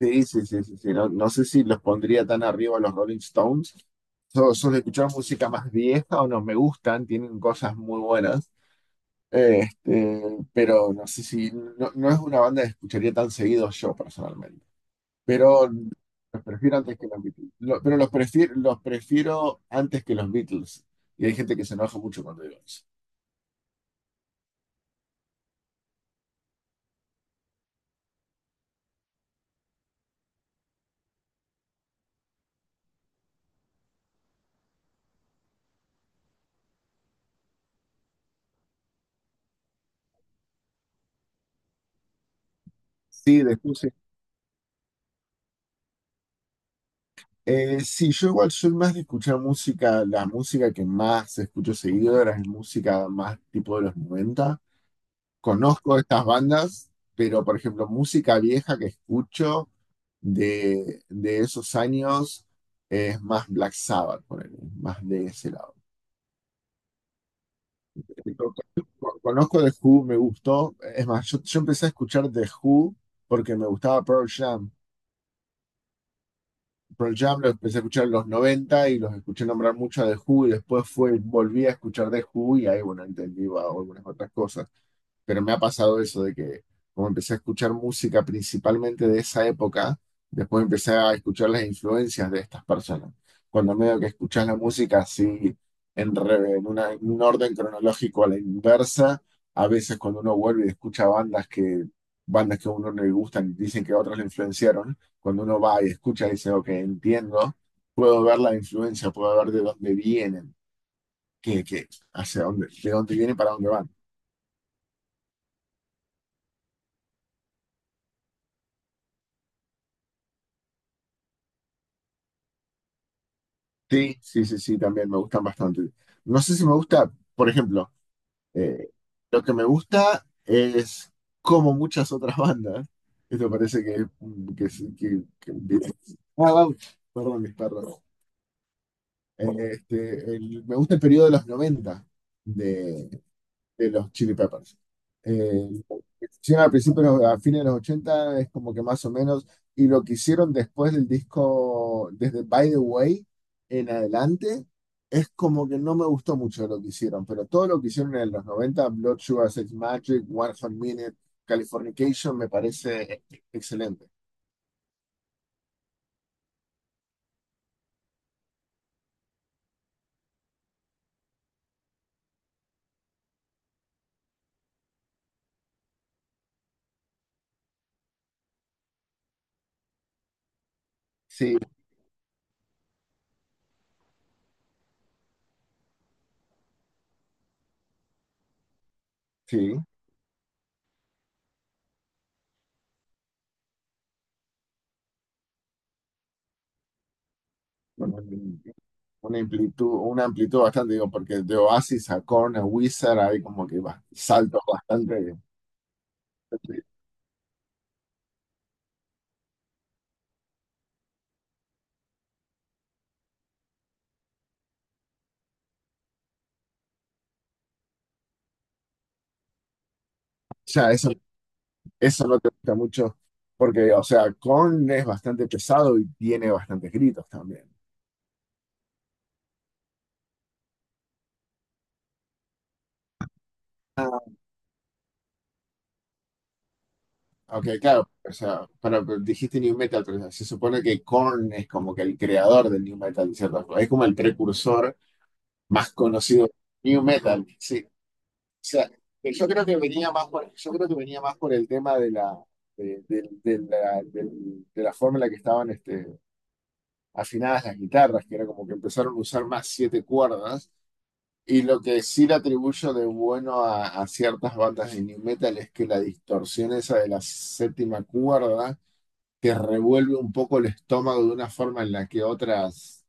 Sí, sí, sí, sí, sí. No, no sé si los pondría tan arriba a los Rolling Stones. Suelo escuchar música más vieja o no me gustan, tienen cosas muy buenas. Este, pero no sé si no es una banda que escucharía tan seguido yo personalmente. Pero los prefiero antes que los Beatles. Pero los prefiero antes que los Beatles. Y hay gente que se enoja mucho cuando digo eso. Sí, después sí. Sí, yo igual soy más de escuchar música, la música que más escucho seguido ahora es música más tipo de los 90. Conozco estas bandas, pero por ejemplo, música vieja que escucho de esos años es más Black Sabbath, ponele, más de ese lado. Conozco The Who, me gustó, es más, yo empecé a escuchar The Who porque me gustaba Pearl Jam. Pearl Jam lo empecé a escuchar en los 90 y los escuché nombrar mucho a The Who y después fue, volví a escuchar The Who y ahí, bueno, entendí wow, algunas otras cosas. Pero me ha pasado eso de que como empecé a escuchar música principalmente de esa época, después empecé a escuchar las influencias de estas personas. Cuando medio que escuchas la música así en, re- en una- en un orden cronológico a la inversa, a veces cuando uno vuelve y escucha bandas que a uno no le gustan y dicen que otros le influenciaron, cuando uno va y escucha y dice, ok, entiendo, puedo ver la influencia, puedo ver de dónde vienen, qué, qué, hacia dónde, de dónde vienen, para dónde van. Sí, sí, sí, sí, también me gustan bastante. No sé si me gusta, por ejemplo, eh, lo que me gusta es como muchas otras bandas. Esto parece que, sí, ah, vamos. Perdón, mis perros. Eh, Me gusta el periodo de los 90, de los Chili Peppers. Eh, Hicieron al principio, a fines de los 80 es como que más o menos, y lo que hicieron después del disco, desde By the Way en adelante, es como que no me gustó mucho lo que hicieron, pero todo lo que hicieron en los 90 Blood Sugar Sex Magic, One Hot Minute, Californication, me parece excelente. Sí, sí. Bueno, una amplitud bastante, digo, porque de Oasis a Korn a Wizard hay como que va, saltos bastante. O sea, eso no te gusta mucho, porque, o sea, Korn es bastante pesado y tiene bastantes gritos también. Aunque, claro, o sea, para, dijiste New Metal, pero se supone que Korn es como que el creador del New Metal, de cierta forma. Es como el precursor más conocido del New Metal, sí. O sea, que yo creo que venía más por el tema de la, de la forma en la que estaban afinadas las guitarras, que era como que empezaron a usar más siete cuerdas. Y lo que sí le atribuyo de bueno a ciertas bandas de new metal es que la distorsión esa de la séptima cuerda te revuelve un poco el estómago de una forma en la que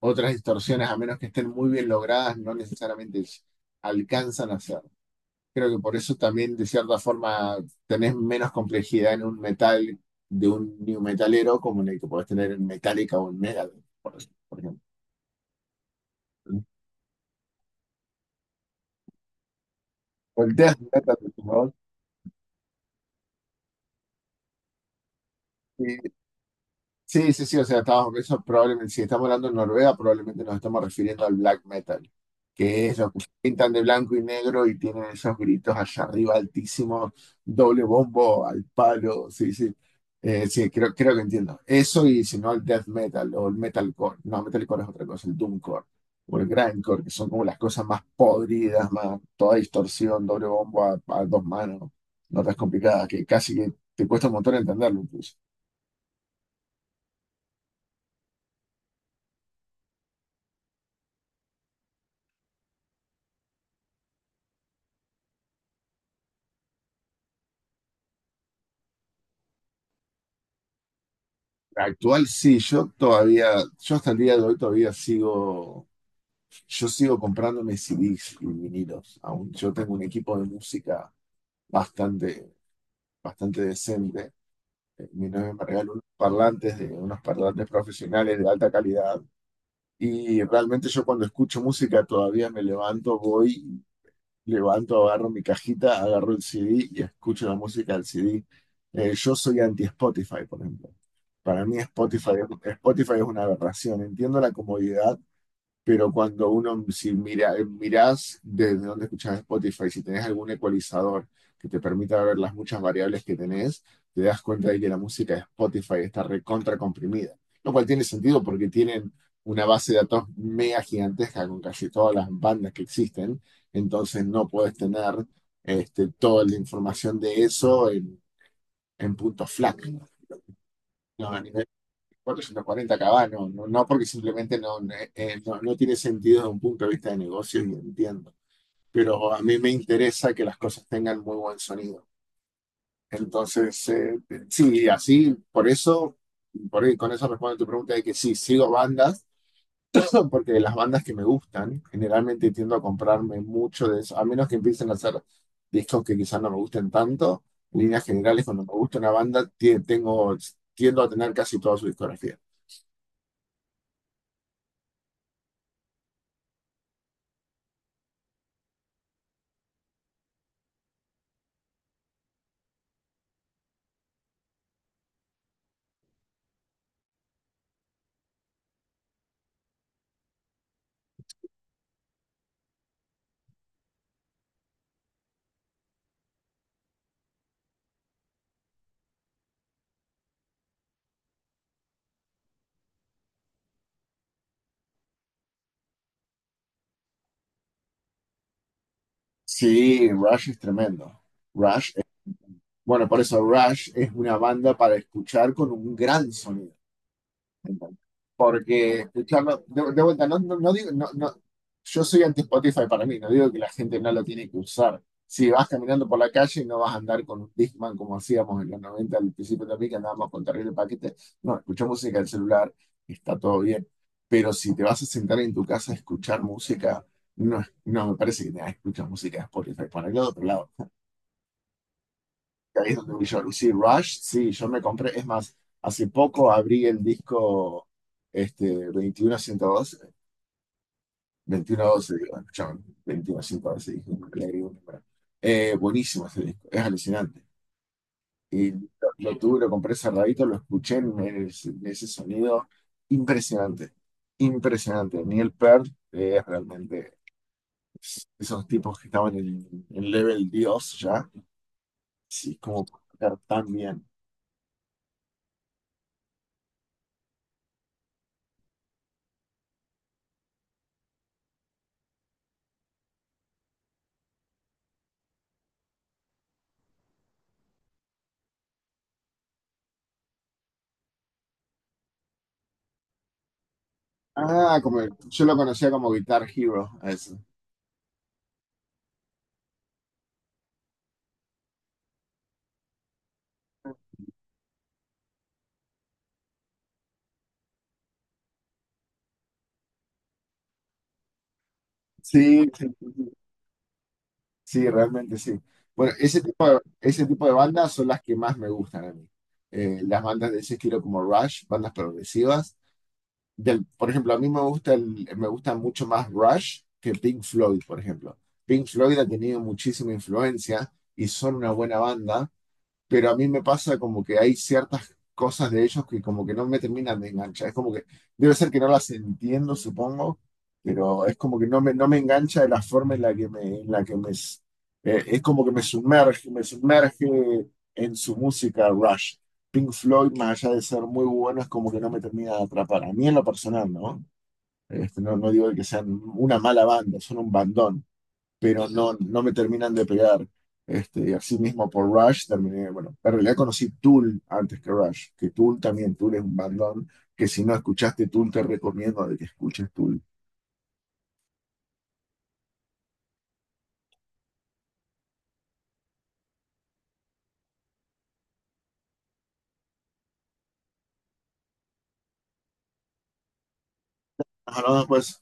otras distorsiones, a menos que estén muy bien logradas, no necesariamente alcanzan a hacer. Creo que por eso también, de cierta forma, tenés menos complejidad en un metal de un new metalero como en el que podés tener en Metallica o en Megadeth, por ejemplo. O el death metal de tu voz, sí, sí, sí, sí, o sea, estamos, eso probablemente, si estamos hablando de Noruega, probablemente nos estamos refiriendo al black metal, que es los que pintan de blanco y negro y tienen esos gritos allá arriba altísimos, doble bombo al palo, sí, sí, sí, creo que entiendo. Eso y si no el death metal o el metalcore, no, metalcore es otra cosa, el doomcore o el grindcore, que son como las cosas más podridas, más toda distorsión, doble bombo a dos manos, notas complicadas, que casi que te cuesta un montón entenderlo incluso. Actual sí, yo hasta el día de hoy todavía sigo comprándome CDs y vinilos. Aún yo tengo un equipo de música bastante, bastante decente. Mi novia me regaló unos parlantes profesionales de alta calidad. Y realmente yo cuando escucho música todavía me levanto, voy, levanto, agarro mi cajita, agarro el CD y escucho la música del CD. Yo soy anti-Spotify, por ejemplo. Para mí Spotify es una aberración. Entiendo la comodidad, pero cuando uno, si mira, mirás desde dónde escuchas Spotify, si tenés algún ecualizador que te permita ver las muchas variables que tenés, te das cuenta de que la música de Spotify está recontra comprimida. Lo cual tiene sentido porque tienen una base de datos mega gigantesca con casi todas las bandas que existen. Entonces no puedes tener toda la información de eso en punto FLAC. No, a nivel 440 caballos, no, porque simplemente no, no, no tiene sentido desde un punto de vista de negocio y entiendo, pero a mí me interesa que las cosas tengan muy buen sonido. Entonces, sí, así, por eso, por ahí, con eso respondo a tu pregunta de que sí, sigo bandas, porque de las bandas que me gustan, generalmente tiendo a comprarme mucho de eso, a menos que empiecen a hacer discos que quizás no me gusten tanto, en líneas generales, cuando me gusta una banda, tiendo a tener casi toda su discografía. Sí, Rush es tremendo. Rush, es- bueno, por eso Rush es una banda para escuchar con un gran sonido. ¿Entendés? Porque escucharlo, de vuelta, no, no, no digo, no, no, yo soy anti Spotify para mí, no digo que la gente no lo tiene que usar. Si vas caminando por la calle no vas a andar con un Discman como hacíamos en los 90 al principio también, que andábamos con terrible paquete. No, escucha música del celular, está todo bien. Pero si te vas a sentar en tu casa a escuchar música. No, no me parece que tengas que escuchar música de Spotify. Por el otro lado, ahí es donde voy yo. Y sí, Rush, sí, yo me compré, es más, hace poco abrí el disco este, 21 2112, digo, escuchame, veintiuno ciento doce dije, le agregué un número. Buenísimo ese disco, es alucinante. Y lo tuve, lo compré cerradito, lo escuché en, ese sonido impresionante, impresionante. Neil Peart, es realmente esos tipos que estaban en level Dios ya, sí, como tocar tan bien. Ah, como yo lo conocía como Guitar Hero, a eso. Sí, sí, sí, sí, sí, realmente sí. Bueno, ese tipo de bandas son las que más me gustan a mí. Las bandas de ese estilo como Rush, bandas progresivas. Por ejemplo, a mí me gusta mucho más Rush que Pink Floyd, por ejemplo. Pink Floyd ha tenido muchísima influencia y son una buena banda, pero a mí me pasa como que hay ciertas cosas de ellos que como que no me terminan de enganchar. Es como que debe ser que no las entiendo, supongo, pero es como que no me engancha de la forma en la que me, es como que me sumerge en su música Rush. Pink Floyd, más allá de ser muy bueno, es como que no me termina de atrapar. A mí en lo personal, ¿no? No, digo que sean una mala banda, son un bandón, pero no me terminan de pegar. Así mismo por Rush terminé, bueno, en realidad conocí Tool antes que Rush, que Tool también, Tool es un bandón, que si no escuchaste Tool te recomiendo de que escuches Tool. Hablamos pues.